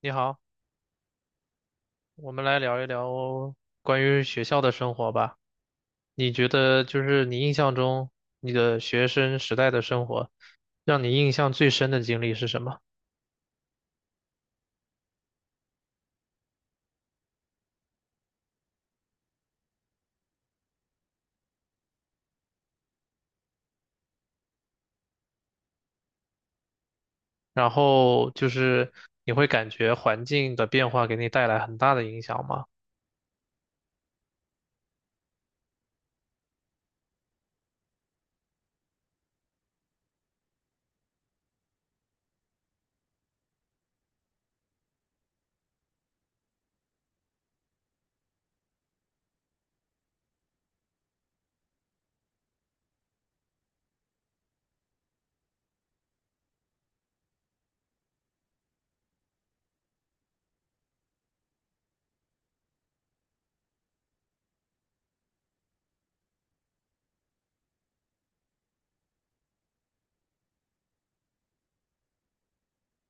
你好，我们来聊一聊关于学校的生活吧。你觉得就是你印象中你的学生时代的生活，让你印象最深的经历是什么？然后就是你会感觉环境的变化给你带来很大的影响吗？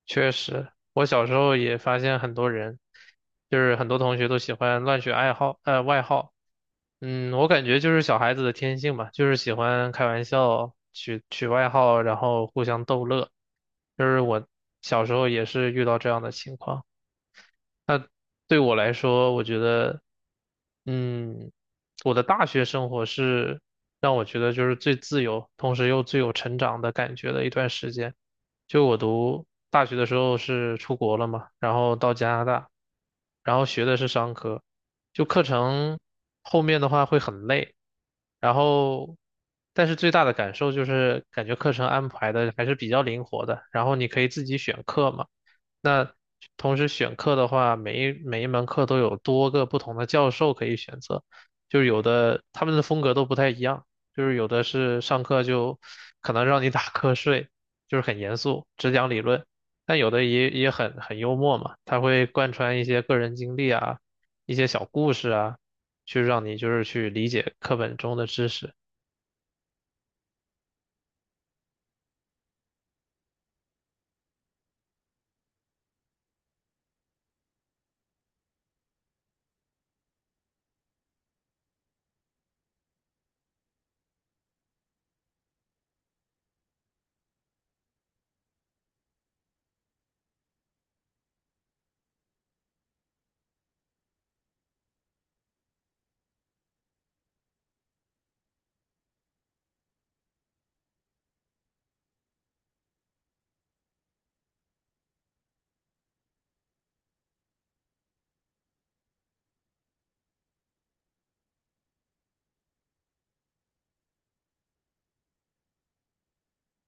确实，我小时候也发现很多人，就是很多同学都喜欢乱取爱好，外号。我感觉就是小孩子的天性吧，就是喜欢开玩笑，取取外号，然后互相逗乐。就是我小时候也是遇到这样的情况。那对我来说，我觉得，嗯，我的大学生活是让我觉得就是最自由，同时又最有成长的感觉的一段时间。就我读大学的时候是出国了嘛，然后到加拿大，然后学的是商科，就课程后面的话会很累，然后，但是最大的感受就是感觉课程安排的还是比较灵活的，然后你可以自己选课嘛。那同时选课的话，每一门课都有多个不同的教授可以选择，就是有的他们的风格都不太一样，就是有的是上课就可能让你打瞌睡，就是很严肃，只讲理论，但有的也很幽默嘛，他会贯穿一些个人经历啊，一些小故事啊，去让你就是去理解课本中的知识。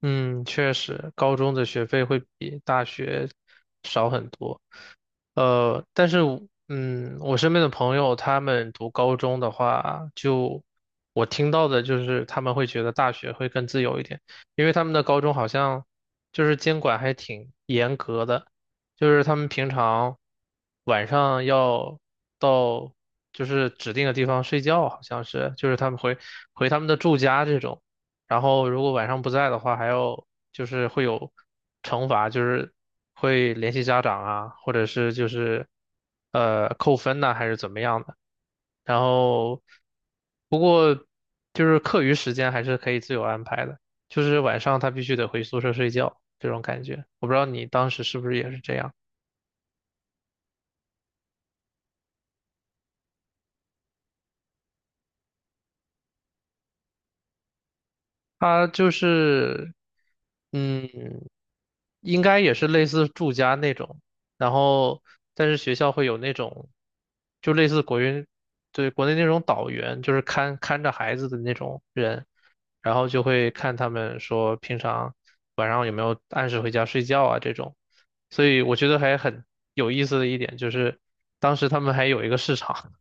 嗯，确实，高中的学费会比大学少很多。但是我身边的朋友他们读高中的话，就我听到的就是他们会觉得大学会更自由一点，因为他们的高中好像就是监管还挺严格的，就是他们平常晚上要到就是指定的地方睡觉，好像是，就是他们回他们的住家这种。然后如果晚上不在的话，还要就是会有惩罚，就是会联系家长啊，或者是就是扣分呐、还是怎么样的。然后就是课余时间还是可以自由安排的，就是晚上他必须得回宿舍睡觉这种感觉。我不知道你当时是不是也是这样。他就是，嗯，应该也是类似住家那种，然后但是学校会有那种，就类似国园，对，国内那种导员，就是看着孩子的那种人，然后就会看他们说平常晚上有没有按时回家睡觉啊这种，所以我觉得还很有意思的一点就是，当时他们还有一个市场。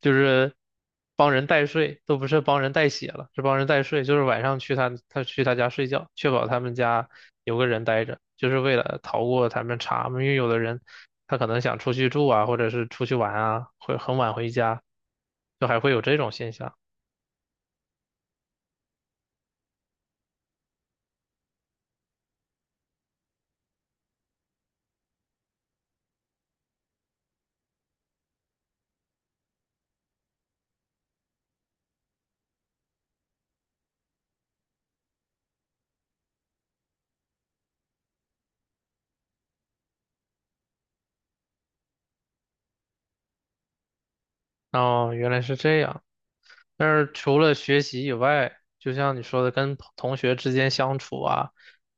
就是帮人代睡，都不是帮人代写了，是帮人代睡，就是晚上去他去他家睡觉，确保他们家有个人待着，就是为了逃过他们查嘛，因为有的人他可能想出去住啊，或者是出去玩啊，会很晚回家，就还会有这种现象。哦，原来是这样。但是除了学习以外，就像你说的，跟同学之间相处啊，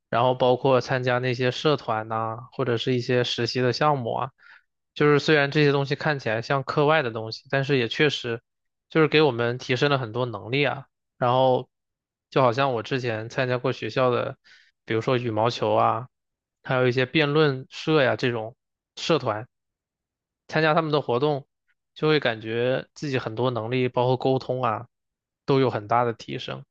然后包括参加那些社团呐、或者是一些实习的项目啊，就是虽然这些东西看起来像课外的东西，但是也确实就是给我们提升了很多能力啊。然后就好像我之前参加过学校的，比如说羽毛球啊，还有一些辩论社呀这种社团。参加他们的活动，就会感觉自己很多能力，包括沟通啊，都有很大的提升。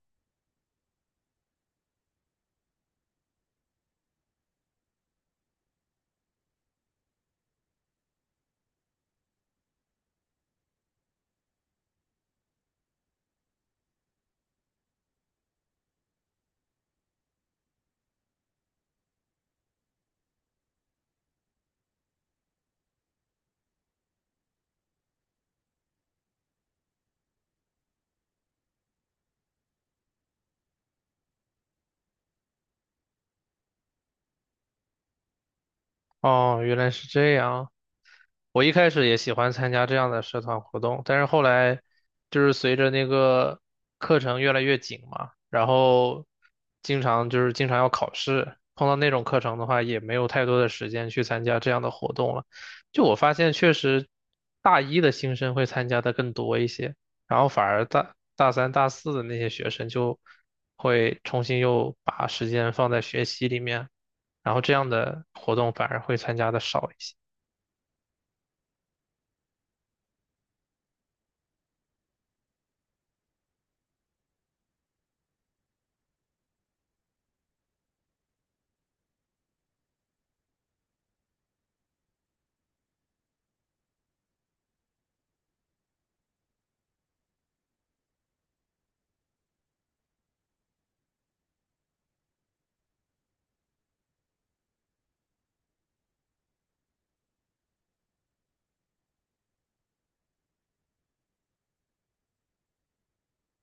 哦，原来是这样。我一开始也喜欢参加这样的社团活动，但是后来就是随着那个课程越来越紧嘛，然后经常就是经常要考试，碰到那种课程的话，也没有太多的时间去参加这样的活动了。就我发现，确实大一的新生会参加的更多一些，然后反而大三、大四的那些学生就会重新又把时间放在学习里面，然后这样的活动反而会参加的少一些。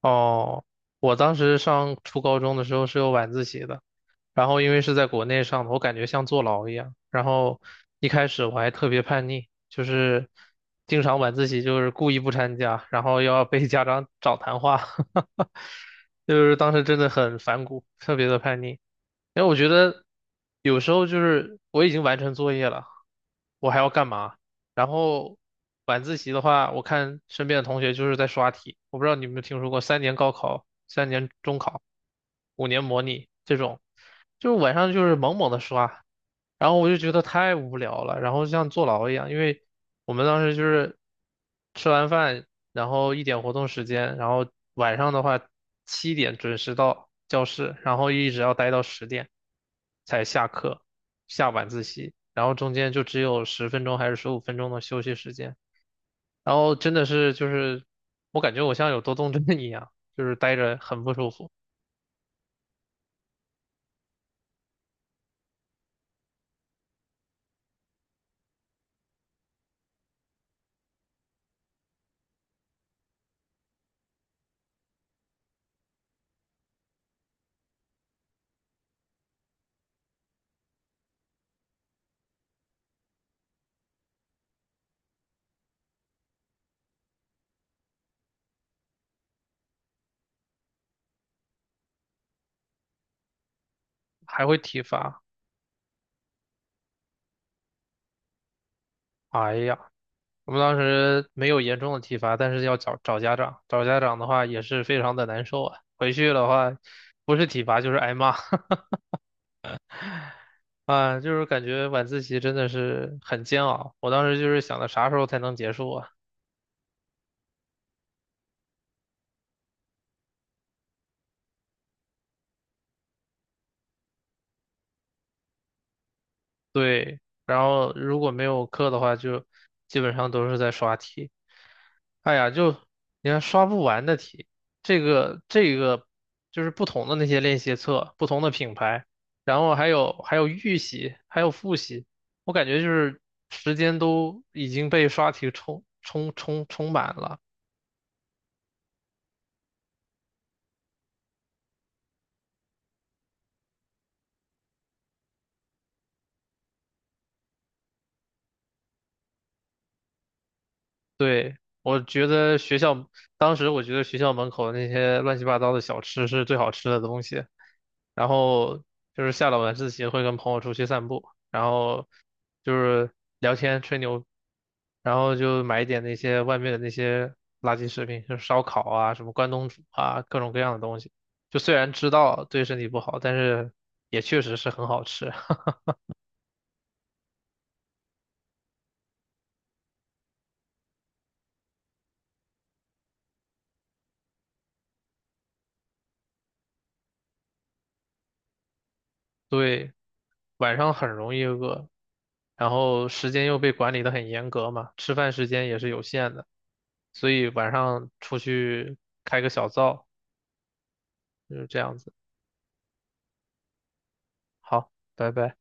哦，我当时上初高中的时候是有晚自习的，然后因为是在国内上的，我感觉像坐牢一样。然后一开始我还特别叛逆，就是经常晚自习就是故意不参加，然后要被家长找谈话。就是当时真的很反骨，特别的叛逆。因为我觉得有时候就是我已经完成作业了，我还要干嘛？然后晚自习的话，我看身边的同学就是在刷题。我不知道你有没有听说过三年高考、三年中考、五年模拟这种，就是晚上就是猛猛的刷，然后我就觉得太无聊了，然后像坐牢一样。因为我们当时就是吃完饭。然后一点活动时间，然后晚上的话7点准时到教室，然后一直要待到10点才下课，下晚自习，然后中间就只有10分钟还是15分钟的休息时间，然后真的是就是我感觉我像有多动症一样，就是待着很不舒服，还会体罚，哎呀。我们当时没有严重的体罚，但是要找家长，找家长的话也是非常的难受啊。回去的话，不是体罚就是挨骂。啊，就是感觉晚自习真的是很煎熬。我当时就是想着啥时候才能结束啊？对，然后如果没有课的话，就基本上都是在刷题。哎呀，就你看刷不完的题，这个就是不同的那些练习册，不同的品牌，然后还有预习，还有复习，我感觉就是时间都已经被刷题充满了。对。我觉得学校当时我觉得学校门口的那些乱七八糟的小吃是最好吃的东西，然后就是下了晚自习会跟朋友出去散步，然后就是聊天吹牛，然后就买一点那些外面的那些垃圾食品，就是烧烤啊、什么关东煮啊，各种各样的东西。就虽然知道对身体不好，但是也确实是很好吃。对，晚上很容易饿，然后时间又被管理的很严格嘛，吃饭时间也是有限的，所以晚上出去开个小灶，就是这样子。好，拜拜。